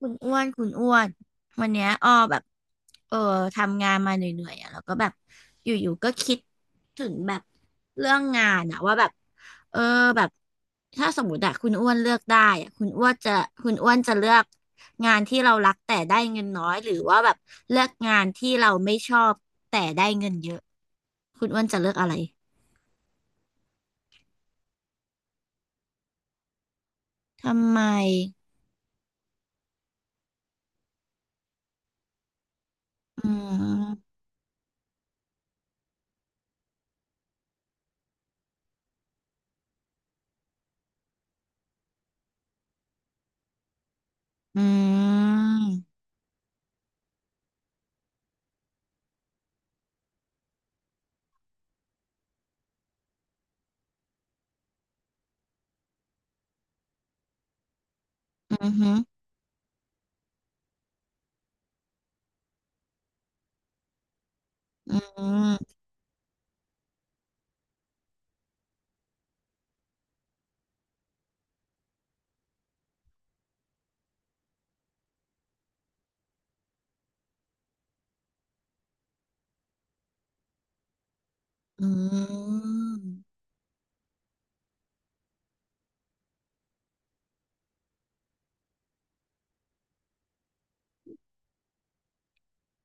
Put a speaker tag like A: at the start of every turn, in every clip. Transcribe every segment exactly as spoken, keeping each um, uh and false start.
A: คุณอ้วนคุณอ้วน วันเนี้ยอ้อแบบเออทำงานมาเหนื่อยๆอ่ะแล้วก็แบบอยู่ๆก็คิดถึงแบบเรื่องงานอ่ะว่าแบบเออแบบถ้าสมมติอะคุณอ้วนเลือกได้อะคุณอ้วนจะคุณอ้วนจะเลือกงานที่เรารักแต่ได้เงินน้อยหรือว่าแบบเลือกงานที่เราไม่ชอบแต่ได้เงินเยอะ คุณอ้วนจะเลือกอะไร ทำไมอืมอืมอืมอืมอืมอืม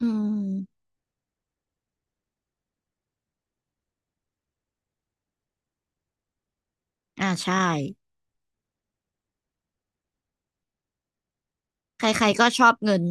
A: อืมอ่าใช่ใครๆก็ชอบเงิน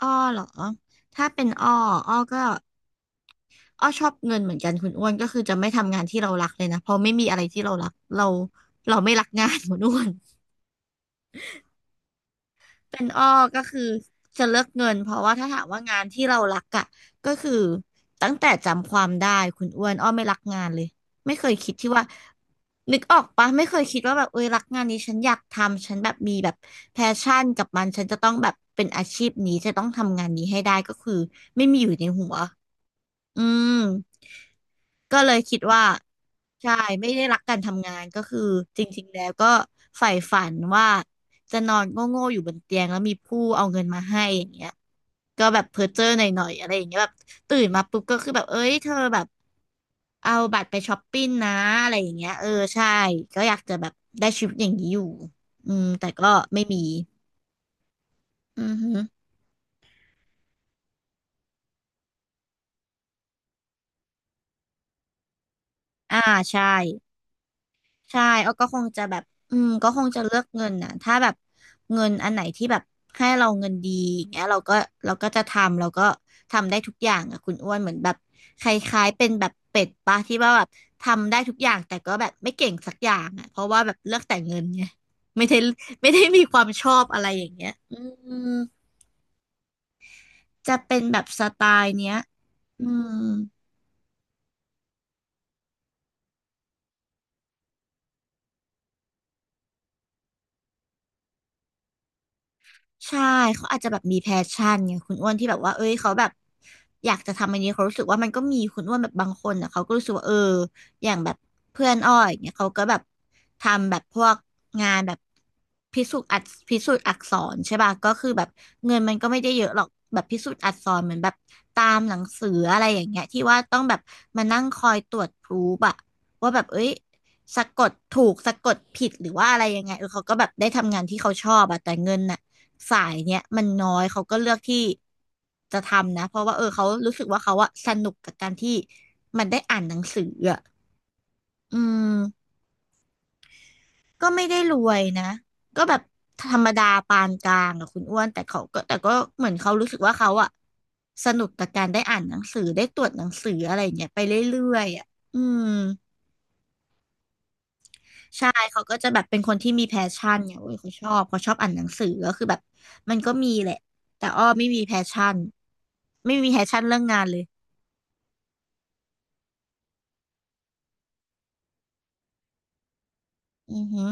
A: อ้อเหรอถ้าเป็นอ้ออ้อก็อ้อชอบเงินเหมือนกันคุณอ้วนก็คือจะไม่ทำงานที่เรารักเลยนะเพราะไม่มีอะไรที่เรารักเราเราไม่รักงาน คุณอ้วน เป็นอ้อก็คือจะเลือกเงินเพราะว่าถ้าถามว่างานที่เรารักอ่ะก็คือตั้งแต่จำความได้คุณอ้วนอ้อไม่รักงานเลยไม่เคยคิดที่ว่านึกออกปะไม่เคยคิดว่าแบบเอ้ยรักงานนี้ฉันอยากทำฉันแบบมีแบบแพชชั่นกับมันฉันจะต้องแบบเป็นอาชีพนี้จะต้องทำงานนี้ให้ได้ก็คือไม่มีอยู่ในหัวอืม ก็เลยคิดว่าใช่ไม่ได้รักการทำงานก็คือจริงๆแล้วก็ใฝ่ฝันว่าจะนอนโง่ๆอยู่บนเตียงแล้วมีผู้เอาเงินมาให้อย่างเงี้ยก็แบบเพ้อเจ้อหน่อยๆอะไรอย่างเงี้ยแบบตื่นมาปุ๊บก็คือแบบเอ้ยเธอแบบเอาบัตรไปช้อปปิ้งนะอะไรอย่างเงี้ยเออใช่ก็อยากจะแบบได้ชีวิตอย่างนี้อยู่อืมแต่ก็ไม่มีอือฮึอ่าใช่ ใช่อ้อก็คงจะแบบ อืมก็คงจะเลือกเงินนะถ้าแบบเงินอันไหนที่แบบให้เราเงินดีอย่างเงี้ยเราก็เราก็จะทำ เราก็ทำได้ทุกอย่างอ่ะคุณอ้วนเหมือนแบบคล้ายๆเป็นแบบเป็ดปะที่ว่าแบบทำได้ทุกอย่างแต่ก็แบบไม่เก่งสักอย่างอ่ะเพราะว่าแบบเลือกแต่เงินไงไม่ได้ไม่ได้มีความชอบอะไรอย่างเงี้ยอืมจะเป็นแบบสไตล์เนี้ยอืม ใช่เขาอาจจะแบบมีแพชชั่นไงคุณอ้วนที่แบบว่าเอ้ยเขาแบบอยากจะทำอันนี้เขารู้สึกว่ามันก็มีคุณอ้วนแบบบางคนอ่ะเขาก็รู้สึกว่าเอออย่างแบบเพื่อนอ้อยเนี่ยเขาก็แบบทำแบบพวกงานแบบพิสูจน์อักพิสูจน์อักษรใช่ป่ะก็คือแบบเงินมันก็ไม่ได้เยอะหรอกแบบพิสูจน์อักษรเหมือนแบบตามหนังสืออะไรอย่างเงี้ยที่ว่าต้องแบบมานั่งคอยตรวจพรูฟอะว่าแบบเอ้ย สะกดถูกสะกดผิดหรือว่าอะไรยังไงเออเขาก็แบบได้ทำงานที่เขาชอบอะแต่เงินน่ะสายเนี้ยมันน้อยเขาก็เลือกที่จะทำนะเพราะว่าเออเขารู้สึกว่าเขาอะสนุกกับการที่มันได้อ่านหนังสืออะอืมก็ไม่ได้รวยนะก็แบบธรรมดาปานกลางอะคุณอ้วนแต่เขาก็แต่ก็เหมือนเขารู้สึกว่าเขาอะสนุกกับการได้อ่านหนังสือได้ตรวจหนังสืออะไรอย่างเงี้ยไปเรื่อยๆอะอืม ใช่ เขาก็จะแบบเป็นคนที่มีแพชชั่นเนี่ยเว้ยเขาชอบ เขาชอบอ่านหนังสือก็คือแบบมันก็มีแหละ แต่อ้อไม่มีแพชชั่น ไม่มีแพชชั่นเรื่องงานเลย อือหือ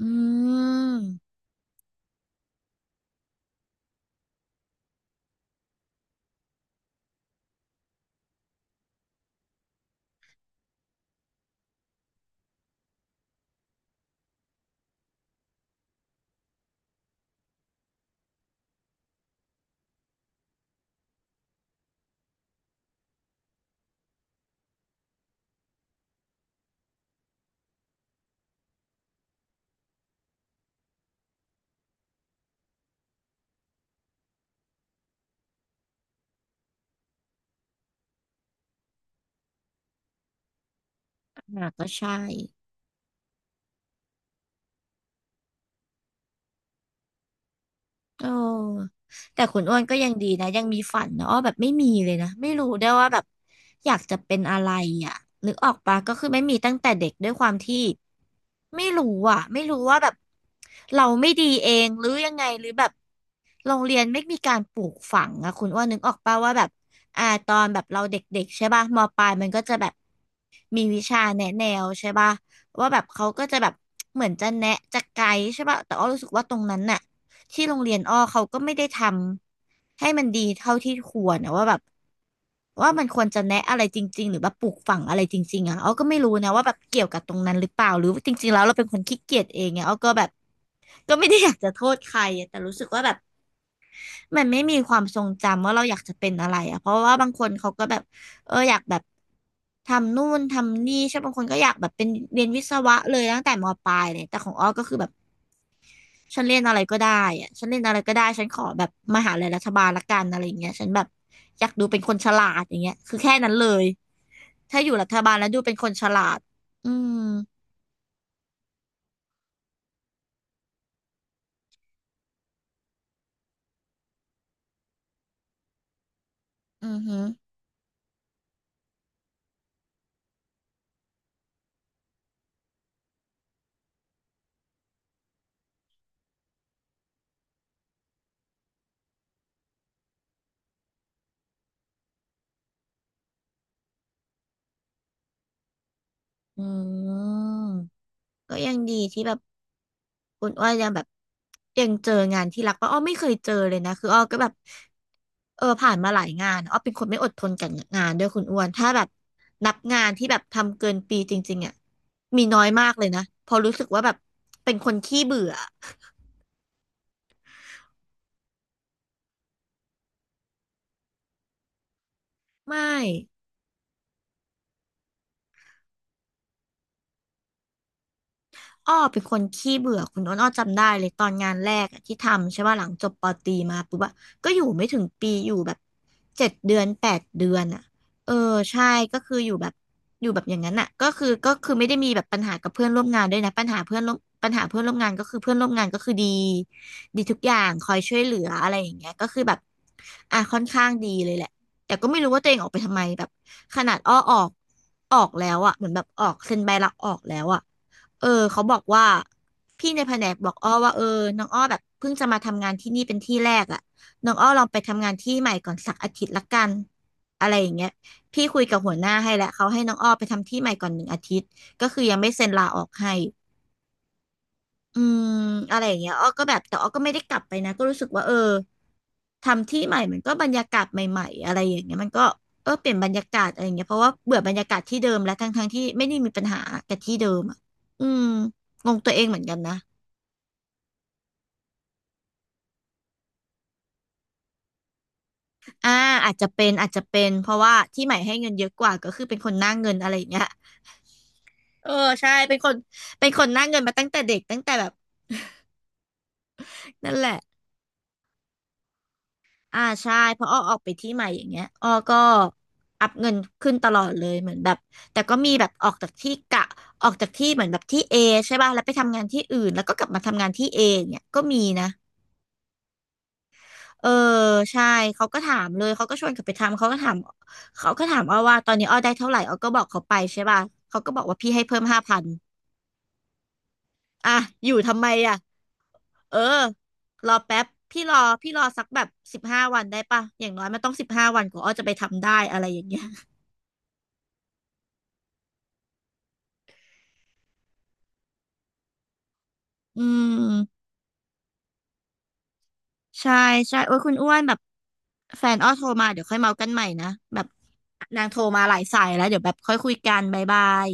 A: อืมอ่ะก็ใช่ เออแต่คุณอ้วนก็ยังดีนะยังมีฝันนะอ้อแบบไม่มีเลยนะไม่รู้ได้วยว่าแบบอยากจะเป็นอะไรอ่ะนึกออกปะก็คือไม่มีตั้งแต่เด็กด้วยความที่ไม่รู้อ่ะไม่รู้ว่าแบบเราไม่ดีเองหรือยังไงหรือแบบโรงเรียนไม่มีการปลูกฝังอะคุณอ้วนนึกออกปะว่าแบบอ่าตอนแบบเราเด็กๆใช่ป่ะมปลายมันก็จะแบบมีวิชาแนะแนวใช่ป่ะว่าแบบเขาก็จะแบบเหมือนจะแนะจะไกด์ใช่ป่ะแต่อ้อรู้สึกว่าตรงนั้นน่ะ ที่โรงเรียนอ้อเขาก็ไม่ได้ทำให้มันดีเท่าที่ควรนะว่าแบบว่ามันควรจะแนะอะไรจริงๆหรือแบบปลูกฝังอะไรจริงๆอ่ะอ้อก็ไม่รู้นะว่าแบบเกี่ยวกับตรงนั้นหรือเปล่าหรือจริงๆแล้วเราเป็นคนขี้เกียจเองไงอ้อก็แบบก็ไม่ได้อยากจะโทษใครอะแต่รู้สึกว่าแบบมันไม่มีความทรงจำว่าเราอยากจะเป็นอะไรอ่ะเพราะว่าบางคนเขาก็แบบเอออยากแบบทำนู่นทำนี่ใช่บางคนก็อยากแบบเป็นเรียนวิศวะเลยตั้งแต่มปลายเลยแต่ของอ้อก็คือแบบ ฉันเล่นอะไรก็ได้อะฉันเล่นอะไรก็ได้ ฉันขอแบบมหาลัยรัฐบาลละกันอะไรอย่างเงี้ยฉันแบบอยากดูเป็นคนฉลาดอย่างเงี้ยคือแค่นั้นเลย ถ้าอยู่รัฐบาลแล้วดูเป็นคนฉลาดอืมอือหืออืมก็ยังดีที่แบบ คุณอ้อยยังแบบยังเจองานที่รักป่ะอ้อไม่เคยเจอเลยนะคืออ้อก็แบบเออผ่านมาหลายงานอ้อเป็นคนไม่อดทนกับงานด้วยคุณอ้วนถ้าแบบนับงานที่แบบทำเกินปีจริงๆอ่ะมีน้อยมากเลยนะเพอราะรู้สึกว่าแบบเป็นคนขี้เบื่อไม่ อ้อเป็นคนขี้เบื่อคุณอ้นอ้อจำได้เลยตอนงานแรกอะที่ทำใช่ป่ะหลังจบปอตรีมาปุ๊บอะก็อยู่ไม่ถึงปีอยู่แบบเจ็ดเดือนแปดเดือนอะเออใช่ก็คืออยู่แบบอยู่แบบอย่างนั้นอะก็คือก็คือไม่ได้มีแบบปัญหากับเพื่อนร่วมงานด้วยนะปัญหาเพื่อนร่วมปัญหาเพื่อนร่วมงานก็คือเพื่อนร่วมงานก็คือดีดีทุกอย่างคอยช่วยเหลืออะไรอย่างเงี้ยก็คือแบบอ่ะค่อนข้างดีเลยแหละแต่ก็ไม่รู้ว่าตัวเองออกไปทำไมแบบขนาดอ้อออกออกแล้วอะเหมือนแบบออกเซ็นใบลาออกแล้วอะ เออเขาบอกว่าพี่ในแผนกบอกอ้อว่าเออน้องอ้อแบบเพิ่งจะมาทำงานที่นี่เป็นที่แรกอ่ะน้องอ้อลองไปทำงานที่ใหม่ก่อนสักอาทิตย์ละกันอะไรอย่างเงี้ยพี่คุยกับหัวหน้าให้แล้วเขาให้น้องอ้อไปทำที่ใหม่ก่อนหนึ่งอาทิตย์ก็คือยังไม่เซ็นลาออกให้ อืมอะไรอย่างเงี้ยอ้อก็แบบแต่อ้อก็ไม่ได้กลับไปนะก็รู้สึกว่าเออทำที่ใหม่มันก็บรรยากาศใหม่ๆอะไรอย่างเงี้ยมันก็เออเปลี่ยนบรรยากาศอะไรอย่างเงี้ยเพราะว่าเบื่อบรรยากาศที่เดิมแล้วทั้งๆที่ไม่ได้มีปัญหากับที่เดิมอ่ะอืมงงตัวเองเหมือนกันนะอ่าอาจจะเป็นอาจจะเป็นเพราะว่าที่ใหม่ให้เงินเยอะกว่าก็คือเป็นคนหน้าเงินอะไรอย่างเงี้ยเออใช่เป็นคนเป็นคนหน้าเงินมาตั้งแต่เด็กตั้งแต่แบบนั่นแหละ อ่าใช่เพราะอ้อออกไปที่ใหม่อย่างเงี้ยอ้อก็อัพเงินขึ้นตลอดเลยเหมือนแบบแต่ก็มีแบบออกจากที่กะออกจากที่เหมือนแบบที่เอใช่ป่ะแล้วไปทำงานที่อื่นแล้วก็กลับมาทำงานที่เอเนี่ยก็มีนะเออใช่เขาก็ถามเลยเขาก็ชวนกลับไปทำเขาก็ถามเขาก็ถามอ้อว่าตอนนี้อ้อได้เท่าไหร่อ้อก็บอกเขาไปใช่ป่ะเขาก็บอกว่าพี่ให้เพิ่มห้าพันอ่ะอยู่ทำไมอ่ะเออรอแป๊บพี่รอพี่รอสักแบบสิบห้าวันได้ป่ะอย่างน้อยมันต้องสิบห้าวันกว่าอ้อจะไปทำได้อะไรอย่างเงี้ย อืมใช่ใช่โอ้ยคุณอ้วนแบบแฟนอ้อโทรมาเดี๋ยวค่อยเมากันใหม่นะแบบนางโทรมาหลายสายแล้วเดี๋ยวแบบค่อยคุยกันบ๊ายบาย